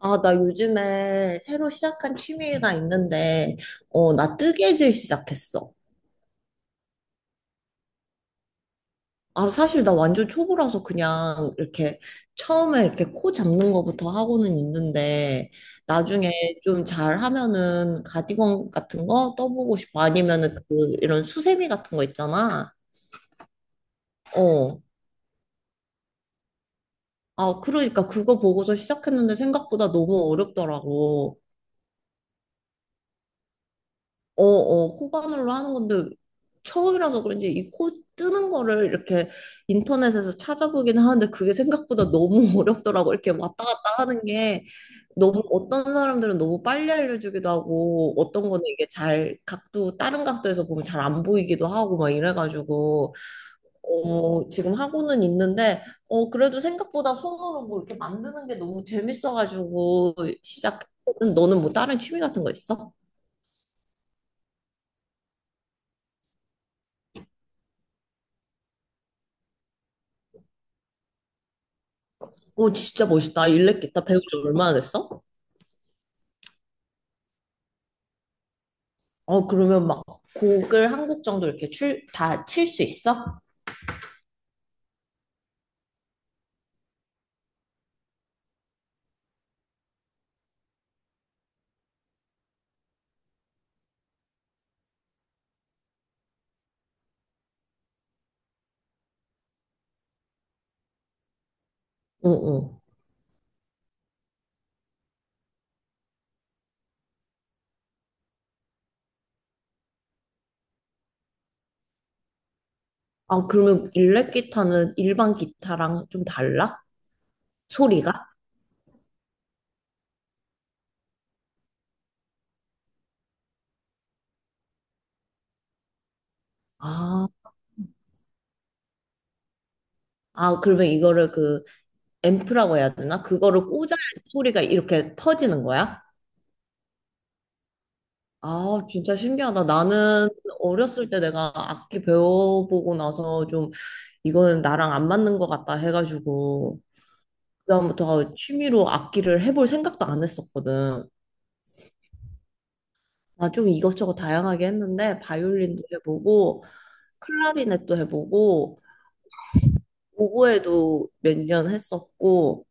아, 나 요즘에 새로 시작한 취미가 있는데, 나 뜨개질 시작했어. 아, 사실 나 완전 초보라서 그냥 이렇게 처음에 이렇게 코 잡는 거부터 하고는 있는데, 나중에 좀 잘하면은 가디건 같은 거 떠보고 싶어. 아니면은 그, 이런 수세미 같은 거 있잖아. 어. 아, 그러니까 그거 보고서 시작했는데 생각보다 너무 어렵더라고. 코바늘로 하는 건데 처음이라서 그런지 이 코 뜨는 거를 이렇게 인터넷에서 찾아보긴 하는데 그게 생각보다 너무 어렵더라고. 이렇게 왔다 갔다 하는 게 너무 어떤 사람들은 너무 빨리 알려주기도 하고 어떤 거는 이게 잘 각도 다른 각도에서 보면 잘 안 보이기도 하고 막 이래가지고 지금 하고는 있는데 그래도 생각보다 손으로 뭐 이렇게 만드는 게 너무 재밌어가지고 시작. 너는 뭐 다른 취미 같은 거 있어? 오, 진짜 멋있다. 일렉 기타 배운 지 얼마나 됐어? 그러면 곡을 한 곡 정도 이렇게 다 칠 수 있어? 어, 어. 아, 그러면 일렉 기타는 일반 기타랑 좀 달라? 소리가? 아, 아, 그러면 이거를 그 앰프라고 해야 되나? 그거를 꽂아야 소리가 이렇게 퍼지는 거야? 아, 진짜 신기하다. 나는 어렸을 때 내가 악기 배워보고 나서 좀 이거는 나랑 안 맞는 것 같다 해가지고 그다음부터 취미로 악기를 해볼 생각도 안 했었거든. 나 좀 이것저것 다양하게 했는데 바이올린도 해보고 클라리넷도 해보고 오보에도 몇 년 했었고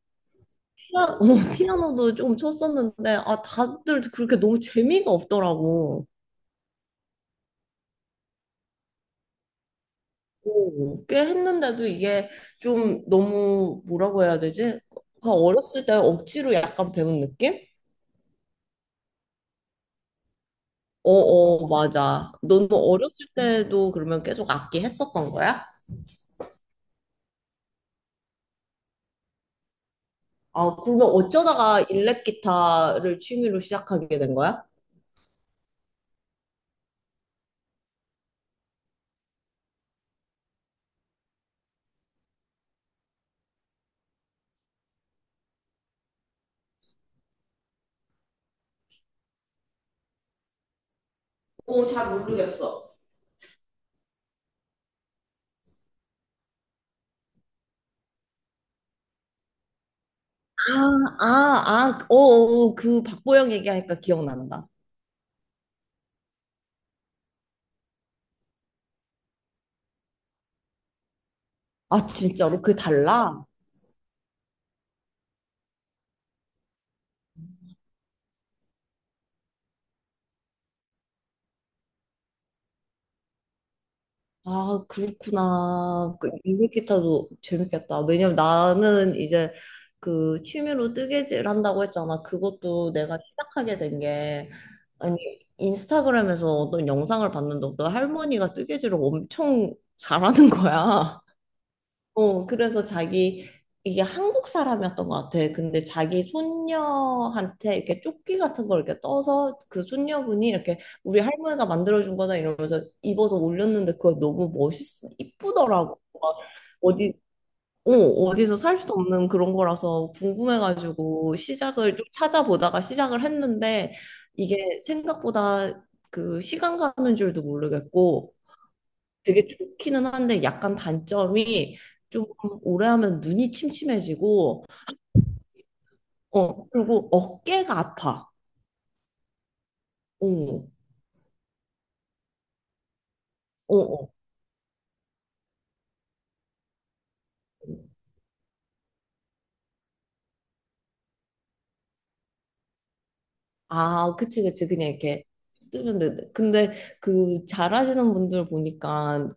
피아, 어, 피아노도 좀 쳤었는데 아 다들 그렇게 너무 재미가 없더라고. 오, 꽤 했는데도 이게 좀 너무 뭐라고 해야 되지? 그 어렸을 때 억지로 약간 배운 느낌? 어, 어, 맞아. 너는 어렸을 때도 그러면 계속 악기 했었던 거야? 아, 그러면 어쩌다가 일렉 기타를 취미로 시작하게 된 거야? 오, 잘 모르겠어. 아, 아, 아, 어, 어, 그 박보영 얘기하니까 기억난다. 아, 진짜로? 그게 달라? 아, 그렇구나. 그 일렉 기타도 재밌겠다. 왜냐면 나는 이제 그 취미로 뜨개질 한다고 했잖아. 그것도 내가 시작하게 된 게, 아니, 인스타그램에서 어떤 영상을 봤는데 어떤 할머니가 뜨개질을 엄청 잘하는 거야. 그래서 자기, 이게 한국 사람이었던 것 같아. 근데 자기 손녀한테 이렇게 조끼 같은 걸 이렇게 떠서 그 손녀분이 이렇게 우리 할머니가 만들어준 거다 이러면서 입어서 올렸는데 그거 너무 멋있어. 이쁘더라고. 막 어디, 어디서 살 수도 없는 그런 거라서 궁금해가지고 시작을 좀 찾아보다가 시작을 했는데 이게 생각보다 그 시간 가는 줄도 모르겠고 되게 좋기는 한데 약간 단점이 좀 오래 하면 눈이 침침해지고, 그리고 어깨가 아파. 어, 어, 어. 아, 그치, 그치. 그냥 이렇게 뜨면 돼. 근데 그 잘하시는 분들 보니까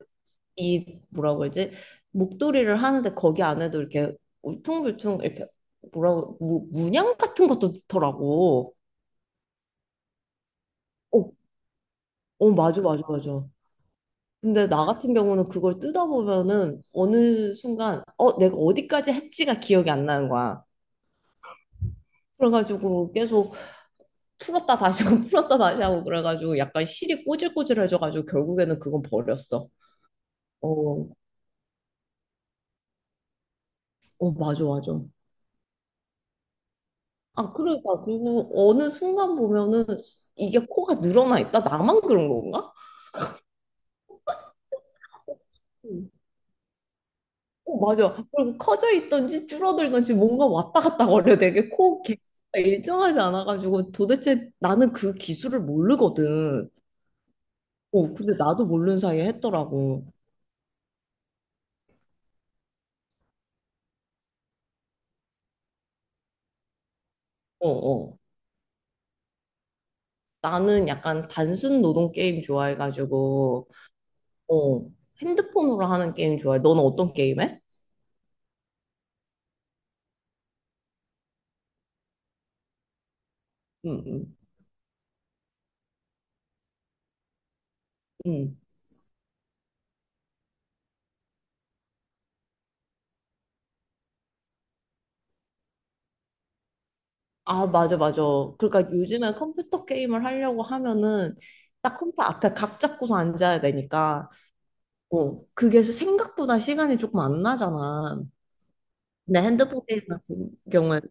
이 뭐라고 그러지? 목도리를 하는데 거기 안에도 이렇게 울퉁불퉁 이렇게 문양 같은 것도 넣더라고. 어, 어, 맞아, 맞아, 맞아. 근데 나 같은 경우는 그걸 뜯어보면은 어느 순간, 내가 어디까지 했지가 기억이 안 나는 거야. 그래가지고 계속 풀었다 다시 하고 풀었다 다시 하고 그래가지고 약간 실이 꼬질꼬질해져가지고 결국에는 그건 버렸어. 어, 어, 맞아, 맞아. 아, 그러니까. 그리고 어느 순간 보면은 이게 코가 늘어나 있다? 나만 그런 건가? 어, 어, 맞아. 그리고 커져 있던지 줄어들던지 뭔가 왔다 갔다 거려. 되게 코 개수가 일정하지 않아가지고 도대체 나는 그 기술을 모르거든. 근데 나도 모르는 사이에 했더라고. 어, 어. 나는 약간 단순 노동 게임 좋아해가지고, 어, 핸드폰으로 하는 게임 좋아해. 너는 어떤 게임 해? 응, 응, 응. 아, 맞아, 맞아. 그러니까 요즘에 컴퓨터 게임을 하려고 하면은 딱 컴퓨터 앞에 각 잡고서 앉아야 되니까. 그게 생각보다 시간이 조금 안 나잖아. 근데 핸드폰 게임 같은 경우에는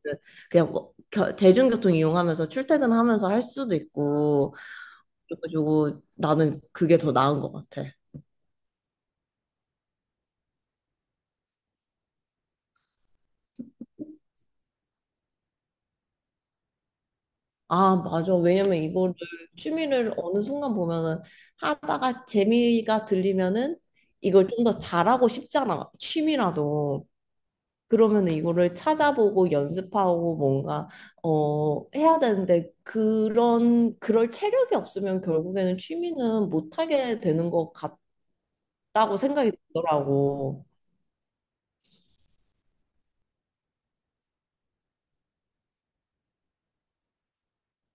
그냥 뭐 대중교통 이용하면서 출퇴근하면서 할 수도 있고, 그래가지고 나는 그게 더 나은 것 같아. 아, 맞아. 왜냐면 이거를 취미를 어느 순간 보면은 하다가 재미가 들리면은 이걸 좀 더 잘하고 싶잖아. 취미라도. 그러면 이거를 찾아보고 연습하고 뭔가 해야 되는데 그런 그럴 체력이 없으면 결국에는 취미는 못 하게 되는 것 같다고 생각이 들더라고.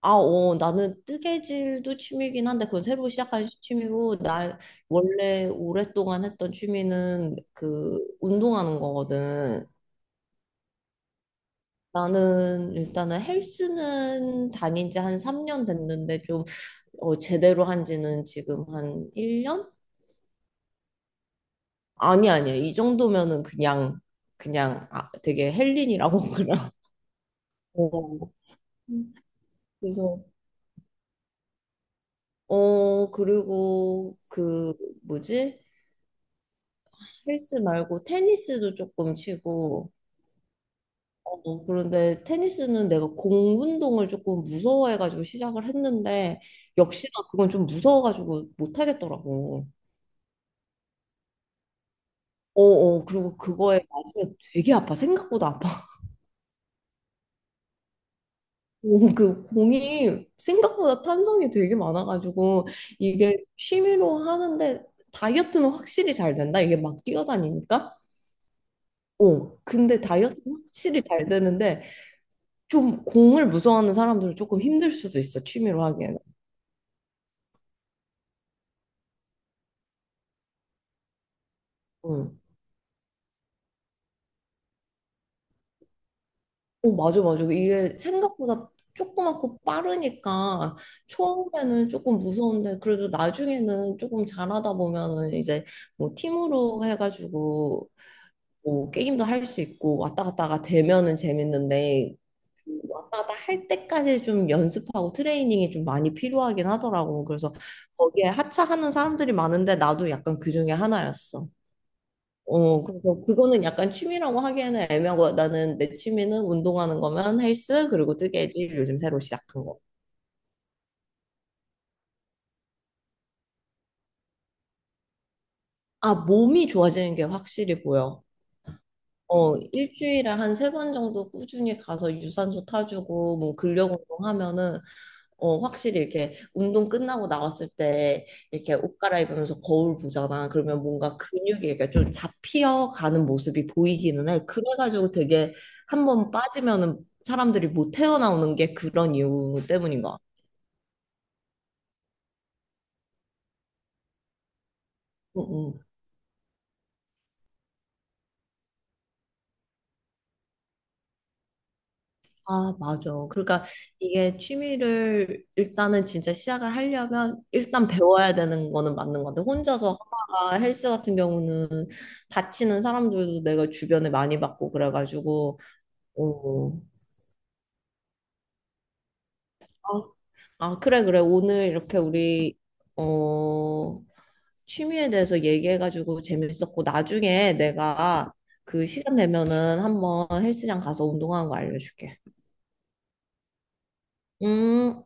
나는 뜨개질도 취미긴 한데 그건 새로 시작한 취미고 나 원래 오랫동안 했던 취미는 그 운동하는 거거든. 나는 일단은 헬스는 다닌 지 한 3년 됐는데 좀 제대로 한 지는 지금 한 1년? 아니 아니야. 이 정도면은 그냥 아, 되게 헬린이라고 그러나. 어. 그래서 어 그리고 그 뭐지? 헬스 말고 테니스도 조금 치고 그런데 테니스는 내가 공 운동을 조금 무서워해가지고 시작을 했는데 역시나 그건 좀 무서워가지고 못하겠더라고. 어어 그리고 그거에 맞으면 되게 아파 생각보다 아파 오, 그 공이 생각보다 탄성이 되게 많아가지고 이게 취미로 하는데 다이어트는 확실히 잘 된다 이게 막 뛰어다니니까 어 근데 다이어트는 확실히 잘 되는데 좀 공을 무서워하는 사람들은 조금 힘들 수도 있어 취미로 하기에는 어. 어, 맞아, 맞아. 이게 생각보다 조그맣고 빠르니까 처음에는 조금 무서운데 그래도 나중에는 조금 잘하다 보면은 이제 뭐 팀으로 해가지고 뭐 게임도 할 수 있고 왔다 갔다가 되면은 재밌는데 그 왔다 갔다 할 때까지 좀 연습하고 트레이닝이 좀 많이 필요하긴 하더라고. 그래서 거기에 하차하는 사람들이 많은데 나도 약간 그 중에 하나였어. 그래서 그거는 약간 취미라고 하기에는 애매하고 나는 내 취미는 운동하는 거면 헬스 그리고 뜨개질 요즘 새로 시작한 거. 아, 몸이 좋아지는 게 확실히 보여. 어, 일주일에 한 세 번 정도 꾸준히 가서 유산소 타주고 뭐 근력 운동하면은 확실히 이렇게 운동 끝나고 나왔을 때 이렇게 옷 갈아입으면서 거울 보잖아. 그러면 뭔가 근육이 이렇게 좀 잡히어가는 모습이 보이기는 해. 그래가지고 되게 한 번 빠지면은 사람들이 못 태어나오는 게 그런 이유 때문인 것 같아. 응, 응. 아, 맞아. 그러니까 이게 취미를 일단은 진짜 시작을 하려면 일단 배워야 되는 거는 맞는 건데 혼자서 하다가 헬스 같은 경우는 다치는 사람들도 내가 주변에 많이 봤고 그래가지고 어, 아, 아, 그래, 그래. 오늘 이렇게 우리, 어, 취미에 대해서 얘기해가지고 재밌었고, 나중에 내가 그 시간 되면은 한번 헬스장 가서 운동하는 거 알려줄게. 음.